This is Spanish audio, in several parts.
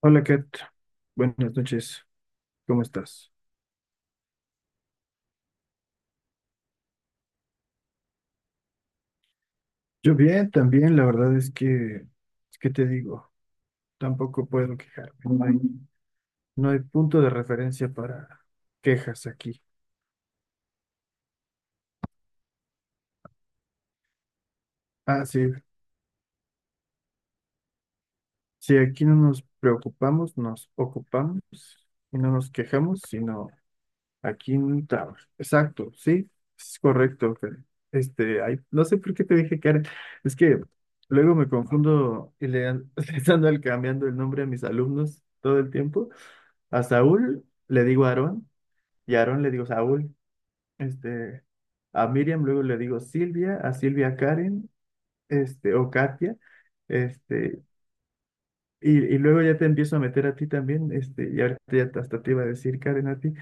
Hola Kat, buenas noches, ¿cómo estás? Yo bien, también, la verdad es que, ¿qué te digo, tampoco puedo quejarme, no hay punto de referencia para quejas aquí. Ah, sí, si aquí no nos preocupamos, nos ocupamos y no nos quejamos, sino aquí en Tower. Exacto, sí, es correcto, Fer. Ay, no sé por qué te dije Karen. Es que luego me confundo y les ando cambiando el nombre a mis alumnos todo el tiempo. A Saúl le digo Aarón y a Aarón le digo Saúl. Este, a Miriam luego le digo Silvia, a Silvia Karen, o Katia. Este, y luego ya te empiezo a meter a ti también, y ahorita ya hasta te iba a decir Karen a ti.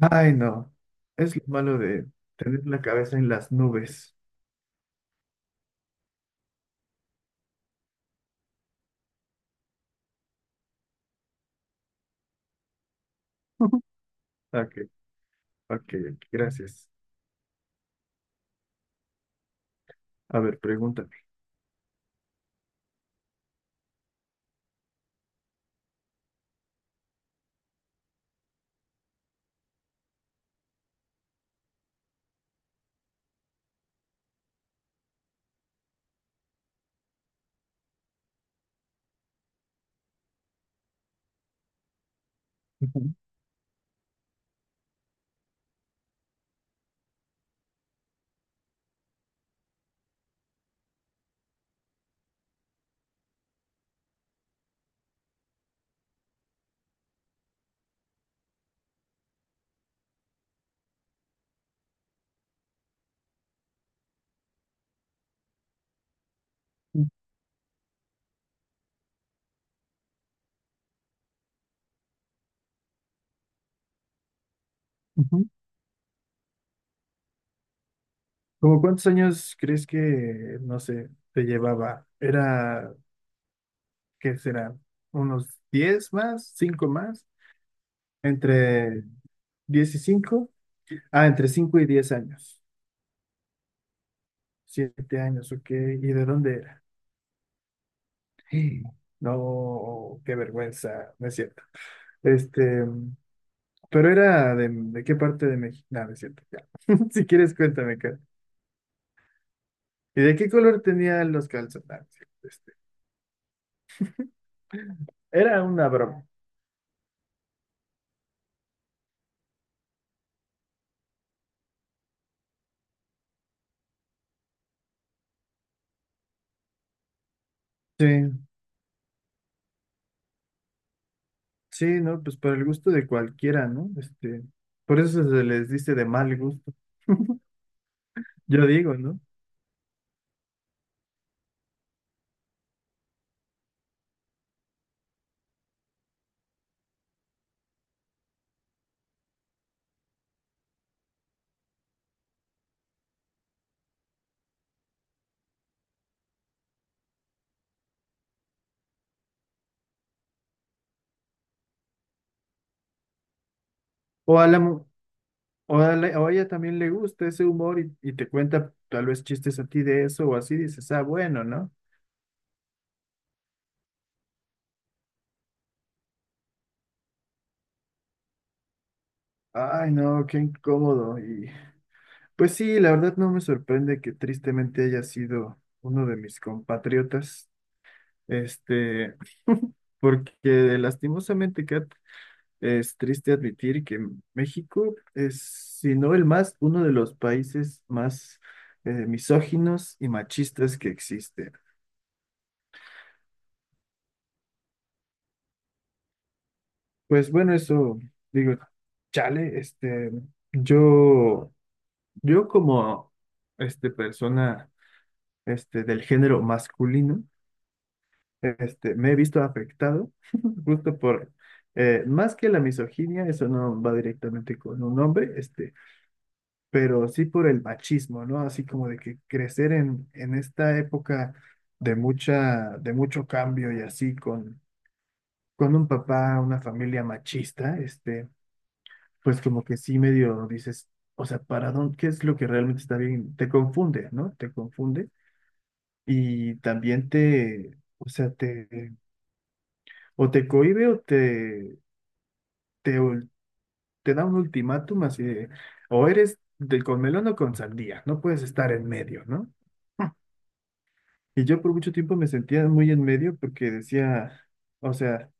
Ay, no. Es lo malo de tener la cabeza en las nubes. Ujú. Ok, ok, ok, gracias. A ver, pregúntame. Ujú. Ujú. ¿Cómo cuántos años crees que, no sé, te llevaba? ¿Era, qué será? ¿Unos 10 más? ¿5 más? ¿Entre 10 y 5? Ah, entre 5 y 10 años. 7 años, ok. ¿Y de dónde era? No, qué vergüenza, no es cierto. Este, Pero era ¿de qué parte de México? No, no es cierto, ya. Si quieres, cuéntame, cara. ¿Y de qué color tenían los calzones? No, no es cierto, era una broma. Sí, sí, no, pues para el gusto de cualquiera, ¿no? Por eso se les dice de mal gusto, yo digo, ¿no? O a la, mu- o a la- o a ella también le gusta ese humor y te cuenta tal vez chistes a ti de eso o así, dices, ah, bueno, ¿no? Ay, no, qué incómodo y pues sí, la verdad no me sorprende que tristemente haya sido uno de mis compatriotas, este, porque lastimosamente, Kat, es triste admitir que México es, si no el más, uno de los países más misóginos y machistas que existe. Pues bueno, eso digo, chale, yo, yo como, persona, del género masculino. Me he visto afectado justo más que la misoginia, eso no va directamente con un hombre, pero sí por el machismo, ¿no? Así como de que crecer en esta época de mucha, de mucho cambio y así con un papá, una familia machista, pues como que sí medio dices, o sea, ¿para dónde, qué es lo que realmente está bien? Te confunde, ¿no? Te confunde y también te, o sea, o te cohíbe o te, ul- te da un ultimátum así de, o eres del con melón o con sandía, no puedes estar en medio, ¿no? Y yo por mucho tiempo me sentía muy en medio porque decía, o sea,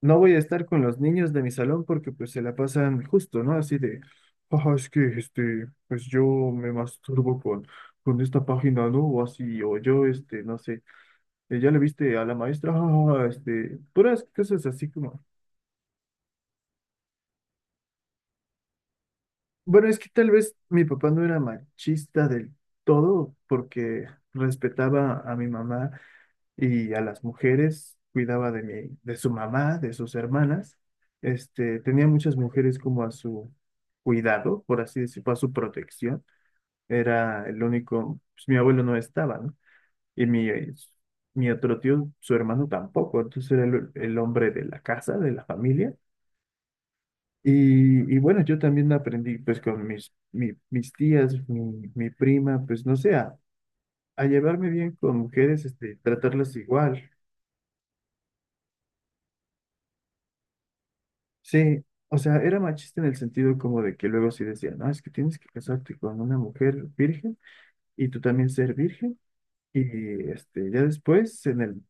no voy a estar con los niños de mi salón porque pues se la pasan justo, ¿no? Así de, es que pues yo me masturbo con esta página, ¿no? O así, o yo, no sé, ya le viste a la maestra, puras cosas así como. Bueno, es que tal vez mi papá no era machista del todo porque respetaba a mi mamá y a las mujeres, cuidaba de mi, de su mamá, de sus hermanas. Tenía muchas mujeres como a su cuidado, por así decirlo, a su protección. Era el único, pues, mi abuelo no estaba, ¿no? Y mi otro tío, su hermano tampoco. Entonces era el hombre de la casa, de la familia y bueno, yo también aprendí pues con mis tías, mi prima, pues no sé, a llevarme bien con mujeres, tratarlas igual. Sí, o sea, era machista en el sentido como de que luego sí decían, no, es que tienes que casarte con una mujer virgen y tú también ser virgen. Y este, ya después en el,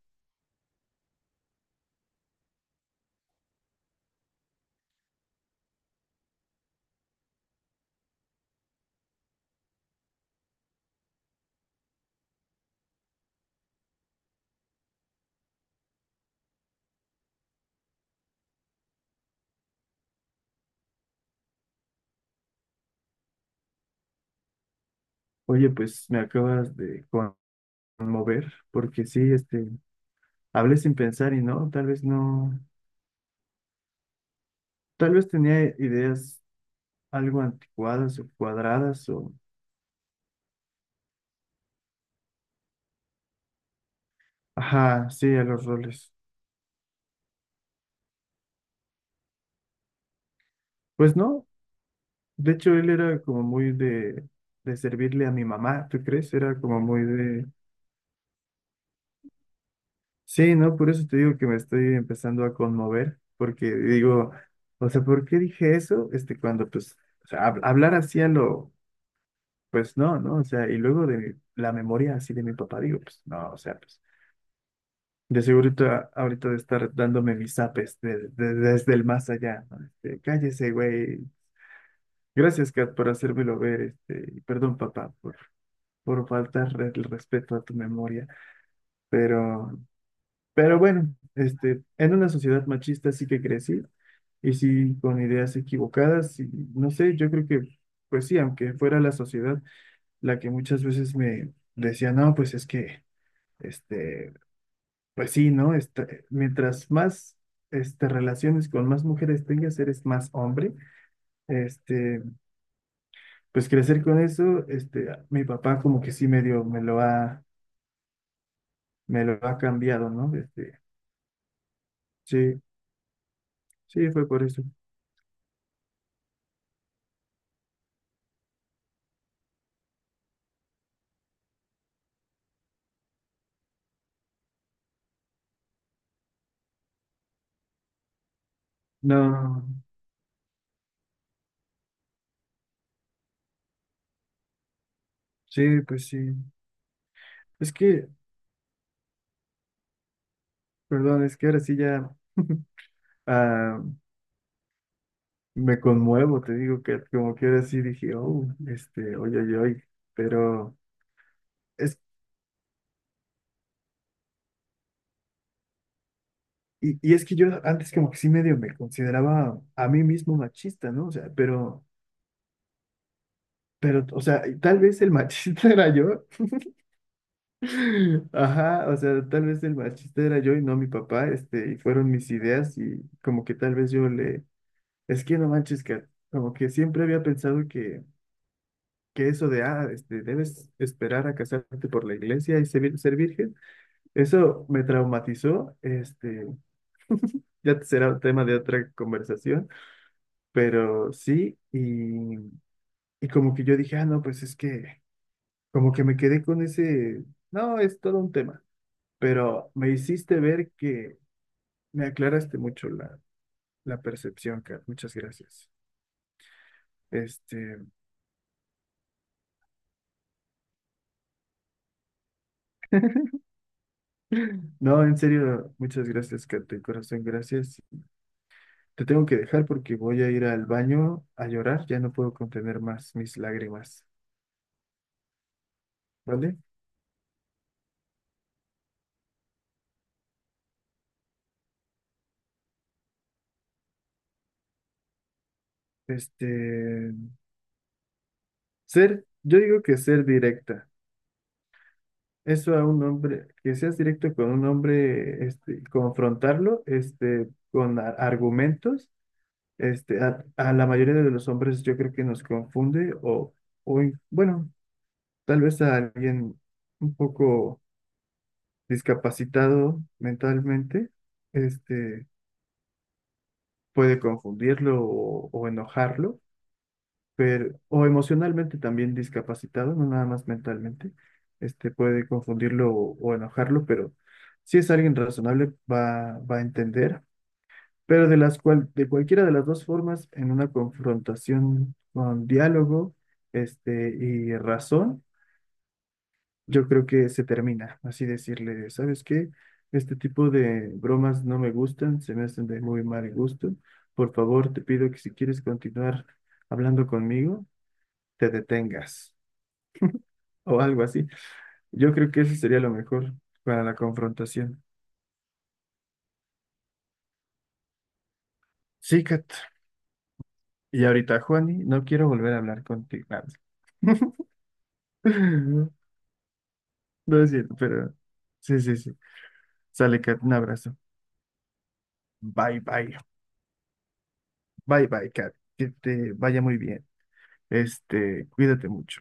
Oye, pues me acabas de conmover, porque sí, hablé sin pensar y no, tal vez no, tal vez tenía ideas algo anticuadas o cuadradas. Ajá, sí, a los roles. Pues no, de hecho él era como muy de servirle a mi mamá, ¿tú crees? Era como muy de. Sí, no, por eso te digo que me estoy empezando a conmover, porque digo, o sea, ¿por qué dije eso? Cuando pues, o sea, hablar así pues no, ¿no? O sea, y luego la memoria así de mi papá, digo, pues no, o sea, pues de seguro ahorita ahorita de estar dándome mis zapes desde el más allá, ¿no? Cállese, güey. Gracias, Kat, por hacérmelo ver, y perdón, papá, por, faltar el respeto a tu memoria, pero, pero bueno, en una sociedad machista sí que crecí, y sí con ideas equivocadas, y no sé, yo creo que, pues sí, aunque fuera la sociedad la que muchas veces me decía, no, pues es que, este, pues sí, ¿no? Mientras más, relaciones con más mujeres tengas, eres más hombre, este... Pues crecer con eso, mi papá como que sí medio me lo ha cambiado, ¿no? Sí, sí, fue por eso. No, sí, pues sí. Es que, perdón, es que ahora sí ya ah, me conmuevo, te digo que como que ahora sí dije, oh, oye, oye, oye, pero es, y es que yo antes como que sí medio me consideraba a mí mismo machista, ¿no? O sea, pero, o sea, y tal vez el machista era yo. Ajá, o sea, tal vez el machista era yo y no mi papá, y fueron mis ideas y como que tal vez es que no manches, que como que siempre había pensado que, eso de, debes esperar a casarte por la iglesia y ser virgen, eso me traumatizó, ya será tema de otra conversación, pero sí, y como que yo dije, ah, no, pues es que, como que me quedé con ese, no, es todo un tema, pero me hiciste ver que. Me aclaraste mucho la percepción, Kat. Muchas gracias. Este, no, en serio, muchas gracias, Kat, de corazón, gracias. Te tengo que dejar porque voy a ir al baño a llorar. Ya no puedo contener más mis lágrimas, ¿vale? Este, yo digo que ser directa. Eso a un hombre, que seas directo con un hombre, confrontarlo, con argumentos, a la mayoría de los hombres yo creo que nos confunde bueno. Tal vez a alguien un poco discapacitado mentalmente, este, puede confundirlo o enojarlo, pero, o emocionalmente también discapacitado, no nada más mentalmente, puede confundirlo o enojarlo, pero si es alguien razonable va a entender. Pero de cualquiera de las dos formas, en una confrontación con diálogo, y razón, yo creo que se termina, así decirle, ¿sabes qué? Este tipo de bromas no me gustan, se me hacen de muy mal gusto. Por favor, te pido que si quieres continuar hablando conmigo, te detengas o algo así. Yo creo que eso sería lo mejor para la confrontación. Sí, Kat. Y ahorita, Juani, no quiero volver a hablar contigo. No es cierto, pero sí, sí, sí. Sale, Kat, un abrazo. Bye, bye. Bye, bye, Kat. Que te vaya muy bien. Cuídate mucho.